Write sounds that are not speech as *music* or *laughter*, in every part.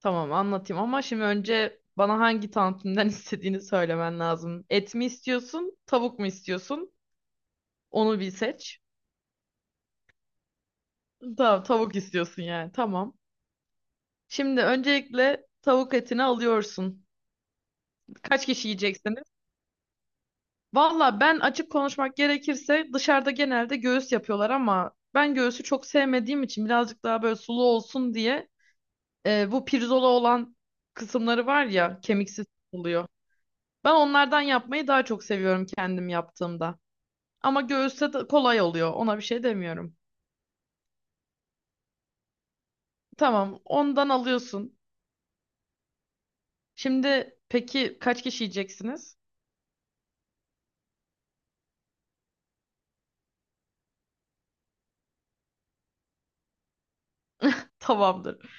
Tamam anlatayım ama şimdi önce bana hangi tantuniden *laughs* istediğini söylemen lazım. Et mi istiyorsun, tavuk mu istiyorsun? Onu bir seç. Tamam, tavuk istiyorsun yani. Tamam. Şimdi öncelikle tavuk etini alıyorsun. Kaç kişi yiyeceksiniz? Valla ben açık konuşmak gerekirse dışarıda genelde göğüs yapıyorlar ama ben göğsü çok sevmediğim için birazcık daha böyle sulu olsun diye bu pirzola olan kısımları var ya kemiksiz oluyor. Ben onlardan yapmayı daha çok seviyorum kendim yaptığımda. Ama göğüste de kolay oluyor. Ona bir şey demiyorum. Tamam, ondan alıyorsun. Şimdi peki kaç kişi yiyeceksiniz? *laughs* Tamamdır.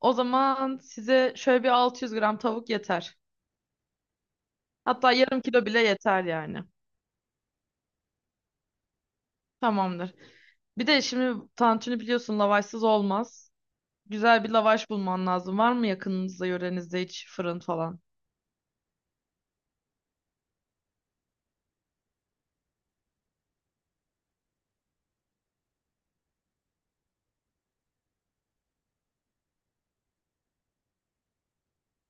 O zaman size şöyle bir 600 gram tavuk yeter. Hatta yarım kilo bile yeter yani. Tamamdır. Bir de şimdi tantuni biliyorsun lavaşsız olmaz. Güzel bir lavaş bulman lazım. Var mı yakınınızda, yörenizde hiç fırın falan?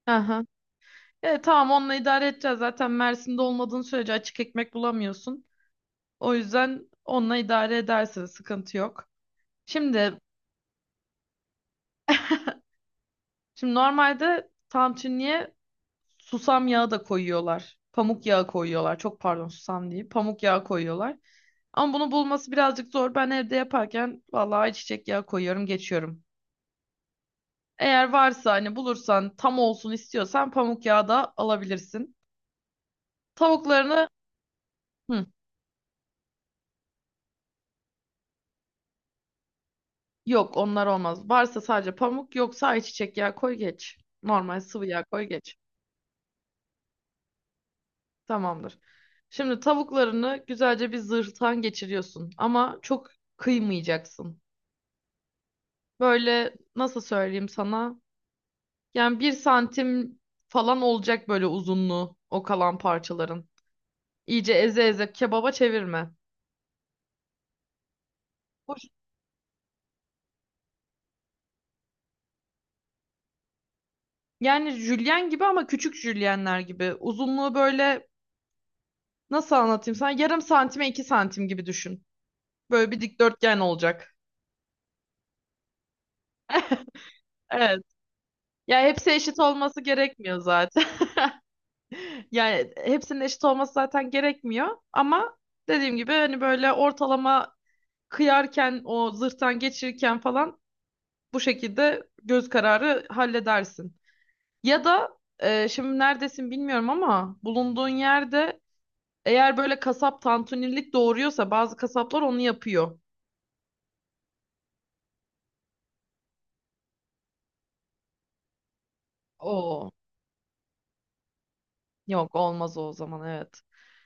Hı hı. E, tamam onunla idare edeceğiz. Zaten Mersin'de olmadığın sürece açık ekmek bulamıyorsun. O yüzden onunla idare edersiniz, sıkıntı yok. Şimdi şimdi normalde tantuniye susam yağı da koyuyorlar. Pamuk yağı koyuyorlar. Çok pardon susam değil. Pamuk yağı koyuyorlar. Ama bunu bulması birazcık zor. Ben evde yaparken vallahi ayçiçek yağı koyuyorum, geçiyorum. Eğer varsa hani bulursan tam olsun istiyorsan pamuk yağı da alabilirsin. Tavuklarını hı, yok onlar olmaz. Varsa sadece pamuk yoksa ayçiçek yağı koy geç. Normal sıvı yağ koy geç. Tamamdır. Şimdi tavuklarını güzelce bir zırhtan geçiriyorsun ama çok kıymayacaksın. Böyle nasıl söyleyeyim sana? Yani bir santim falan olacak böyle uzunluğu o kalan parçaların. İyice eze eze kebaba çevirme. Bu- Yani jülyen gibi ama küçük jülyenler gibi. Uzunluğu böyle nasıl anlatayım sana? Yarım santime iki santim gibi düşün. Böyle bir dikdörtgen olacak. Evet. Ya hepsi eşit olması gerekmiyor zaten. Yani hepsinin eşit olması zaten gerekmiyor ama dediğim gibi hani böyle ortalama kıyarken o zırhtan geçirirken falan bu şekilde göz kararı halledersin. Ya da şimdi neredesin bilmiyorum ama bulunduğun yerde eğer böyle kasap tantunilik doğuruyorsa bazı kasaplar onu yapıyor. Oo, yok olmaz o zaman, evet.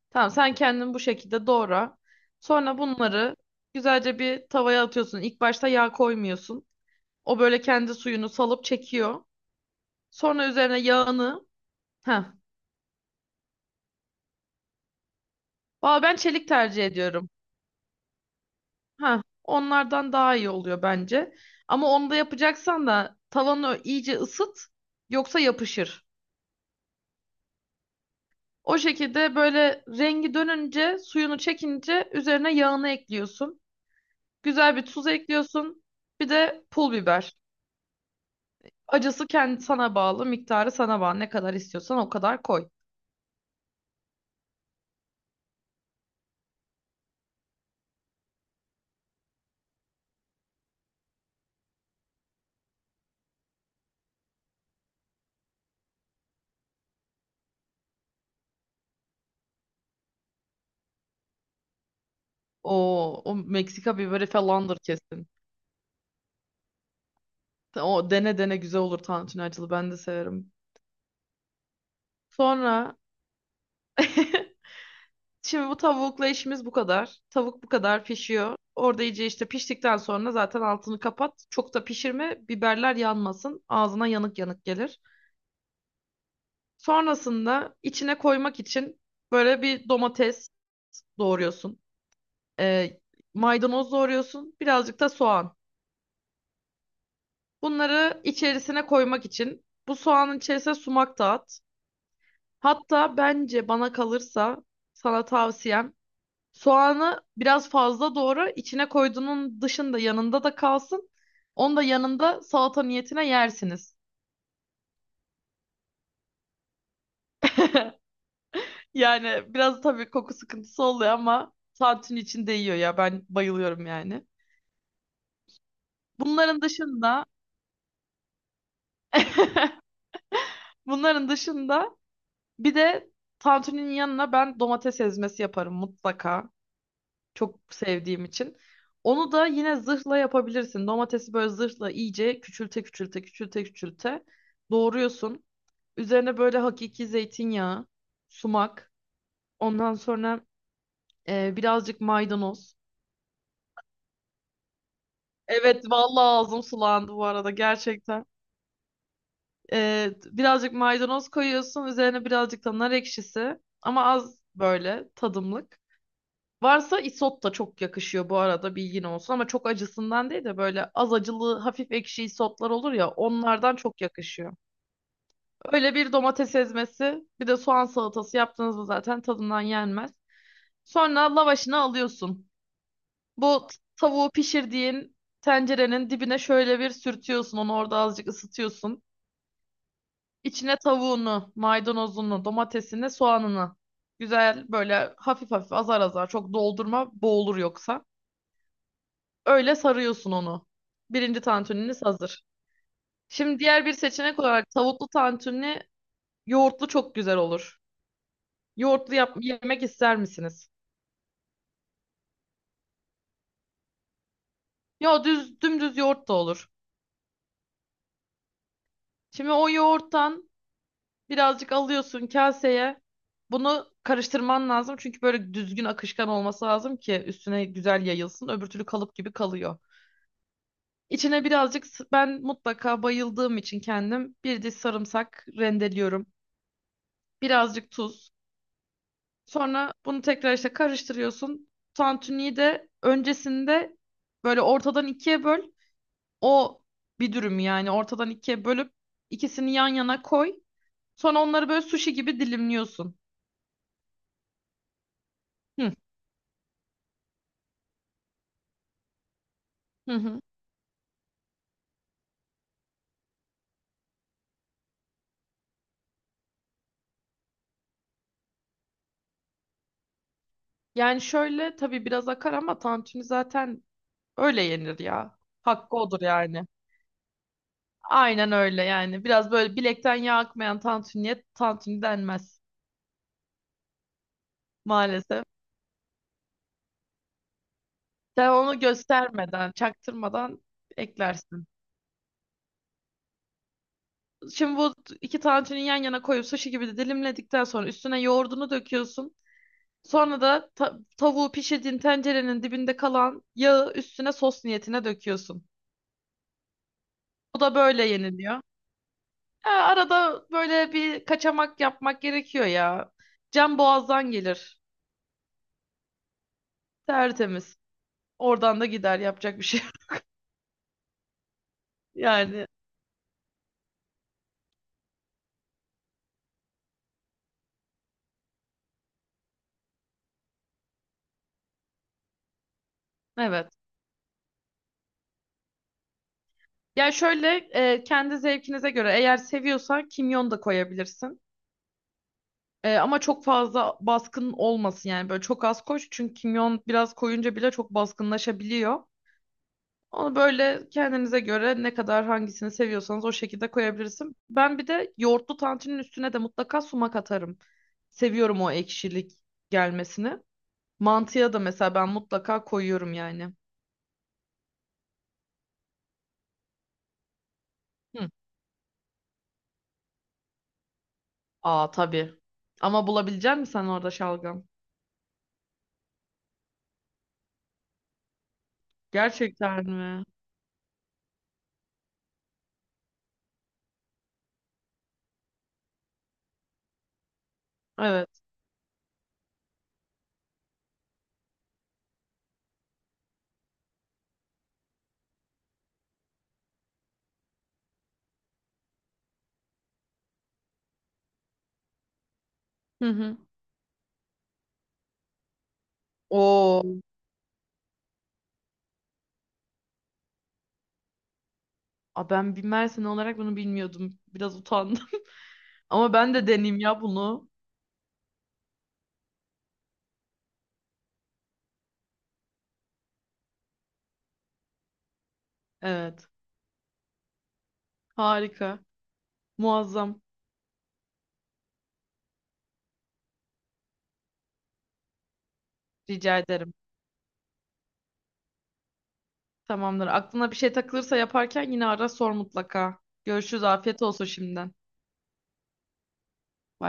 Tamam sen kendin bu şekilde doğra. Sonra bunları güzelce bir tavaya atıyorsun. İlk başta yağ koymuyorsun. O böyle kendi suyunu salıp çekiyor. Sonra üzerine yağını. Heh. Valla ben çelik tercih ediyorum. Heh. Onlardan daha iyi oluyor bence. Ama onu da yapacaksan da tavanı iyice ısıt. Yoksa yapışır. O şekilde böyle rengi dönünce suyunu çekince üzerine yağını ekliyorsun. Güzel bir tuz ekliyorsun. Bir de pul biber. Acısı kendi sana bağlı, miktarı sana bağlı. Ne kadar istiyorsan o kadar koy. O, o Meksika biberi falandır kesin. O dene dene güzel olur tantuni acılı. Ben de severim. Sonra *laughs* şimdi bu tavukla işimiz bu kadar. Tavuk bu kadar pişiyor. Orada iyice işte piştikten sonra zaten altını kapat. Çok da pişirme. Biberler yanmasın. Ağzına yanık yanık gelir. Sonrasında içine koymak için böyle bir domates doğruyorsun. Ee, maydanoz doğruyorsun. Birazcık da soğan. Bunları içerisine koymak için bu soğanın içerisine sumak da at. Hatta bence bana kalırsa sana tavsiyem soğanı biraz fazla doğra içine koyduğunun dışında yanında da kalsın. Onu da yanında salata niyetine yersiniz. Yani biraz tabii koku sıkıntısı oluyor ama tantuni içinde yiyor ya ben bayılıyorum yani. Bunların dışında *laughs* bunların dışında bir de tantuninin yanına ben domates ezmesi yaparım mutlaka. Çok sevdiğim için. Onu da yine zırhla yapabilirsin. Domatesi böyle zırhla iyice küçülte küçülte küçülte küçülte doğruyorsun. Üzerine böyle hakiki zeytinyağı, sumak, ondan sonra birazcık maydanoz. Evet vallahi ağzım sulandı bu arada gerçekten. Birazcık maydanoz koyuyorsun, üzerine birazcık da nar ekşisi ama az böyle tadımlık. Varsa isot da çok yakışıyor bu arada bilgin olsun ama çok acısından değil de böyle az acılı hafif ekşi isotlar olur ya onlardan çok yakışıyor. Öyle bir domates ezmesi bir de soğan salatası yaptığınızda zaten tadından yenmez. Sonra lavaşını alıyorsun. Tavuğu pişirdiğin tencerenin dibine şöyle bir sürtüyorsun onu orada azıcık ısıtıyorsun. İçine tavuğunu, maydanozunu, domatesini, soğanını güzel böyle hafif hafif azar azar çok doldurma boğulur yoksa. Öyle sarıyorsun onu. Birinci tantuniniz hazır. Şimdi diğer bir seçenek olarak tavuklu tantuni yoğurtlu çok güzel olur. Yoğurtlu yap yemek ister misiniz? Ya düz dümdüz yoğurt da olur. Şimdi o yoğurttan birazcık alıyorsun kaseye. Bunu karıştırman lazım çünkü böyle düzgün akışkan olması lazım ki üstüne güzel yayılsın. Öbür türlü kalıp gibi kalıyor. İçine birazcık ben mutlaka bayıldığım için kendim bir diş sarımsak rendeliyorum. Birazcık tuz. Sonra bunu tekrar işte karıştırıyorsun. Tantuniyi de öncesinde böyle ortadan ikiye böl. O bir dürüm yani ortadan ikiye bölüp ikisini yan yana koy. Sonra onları böyle sushi gibi dilimliyorsun. Hı. Hı hı. Yani şöyle tabii biraz akar ama tantuni zaten öyle yenir ya. Hakkı odur yani. Aynen öyle yani. Biraz böyle bilekten yağ akmayan tantuniye tantuni denmez maalesef. Sen onu göstermeden, çaktırmadan eklersin. Şimdi bu iki tantuni yan yana koyup sushi gibi de dilimledikten sonra üstüne yoğurdunu döküyorsun. Sonra da tavuğu pişirdiğin tencerenin dibinde kalan yağı üstüne sos niyetine döküyorsun. Bu da böyle yeniliyor. Ha, arada böyle bir kaçamak yapmak gerekiyor ya. Can boğazdan gelir. Tertemiz. Oradan da gider, yapacak bir şey yok. *laughs* Yani evet. Ya şöyle kendi zevkinize göre eğer seviyorsan kimyon da koyabilirsin. Ama çok fazla baskın olmasın yani böyle çok az koş çünkü kimyon biraz koyunca bile çok baskınlaşabiliyor. Onu böyle kendinize göre ne kadar hangisini seviyorsanız o şekilde koyabilirsin. Ben bir de yoğurtlu tantinin üstüne de mutlaka sumak atarım. Seviyorum o ekşilik gelmesini. Mantıya da mesela ben mutlaka koyuyorum yani. Hı. Aa tabii. Ama bulabilecek misin sen orada şalgam? Gerçekten mi? Evet. Hı hı. Oo. Aa, ben bir Mersin olarak bunu bilmiyordum. Biraz utandım. Ama ben de deneyeyim ya bunu. Evet. Harika. Muazzam. Rica ederim. Tamamdır. Aklına bir şey takılırsa yaparken yine ara sor mutlaka. Görüşürüz. Afiyet olsun şimdiden. Bay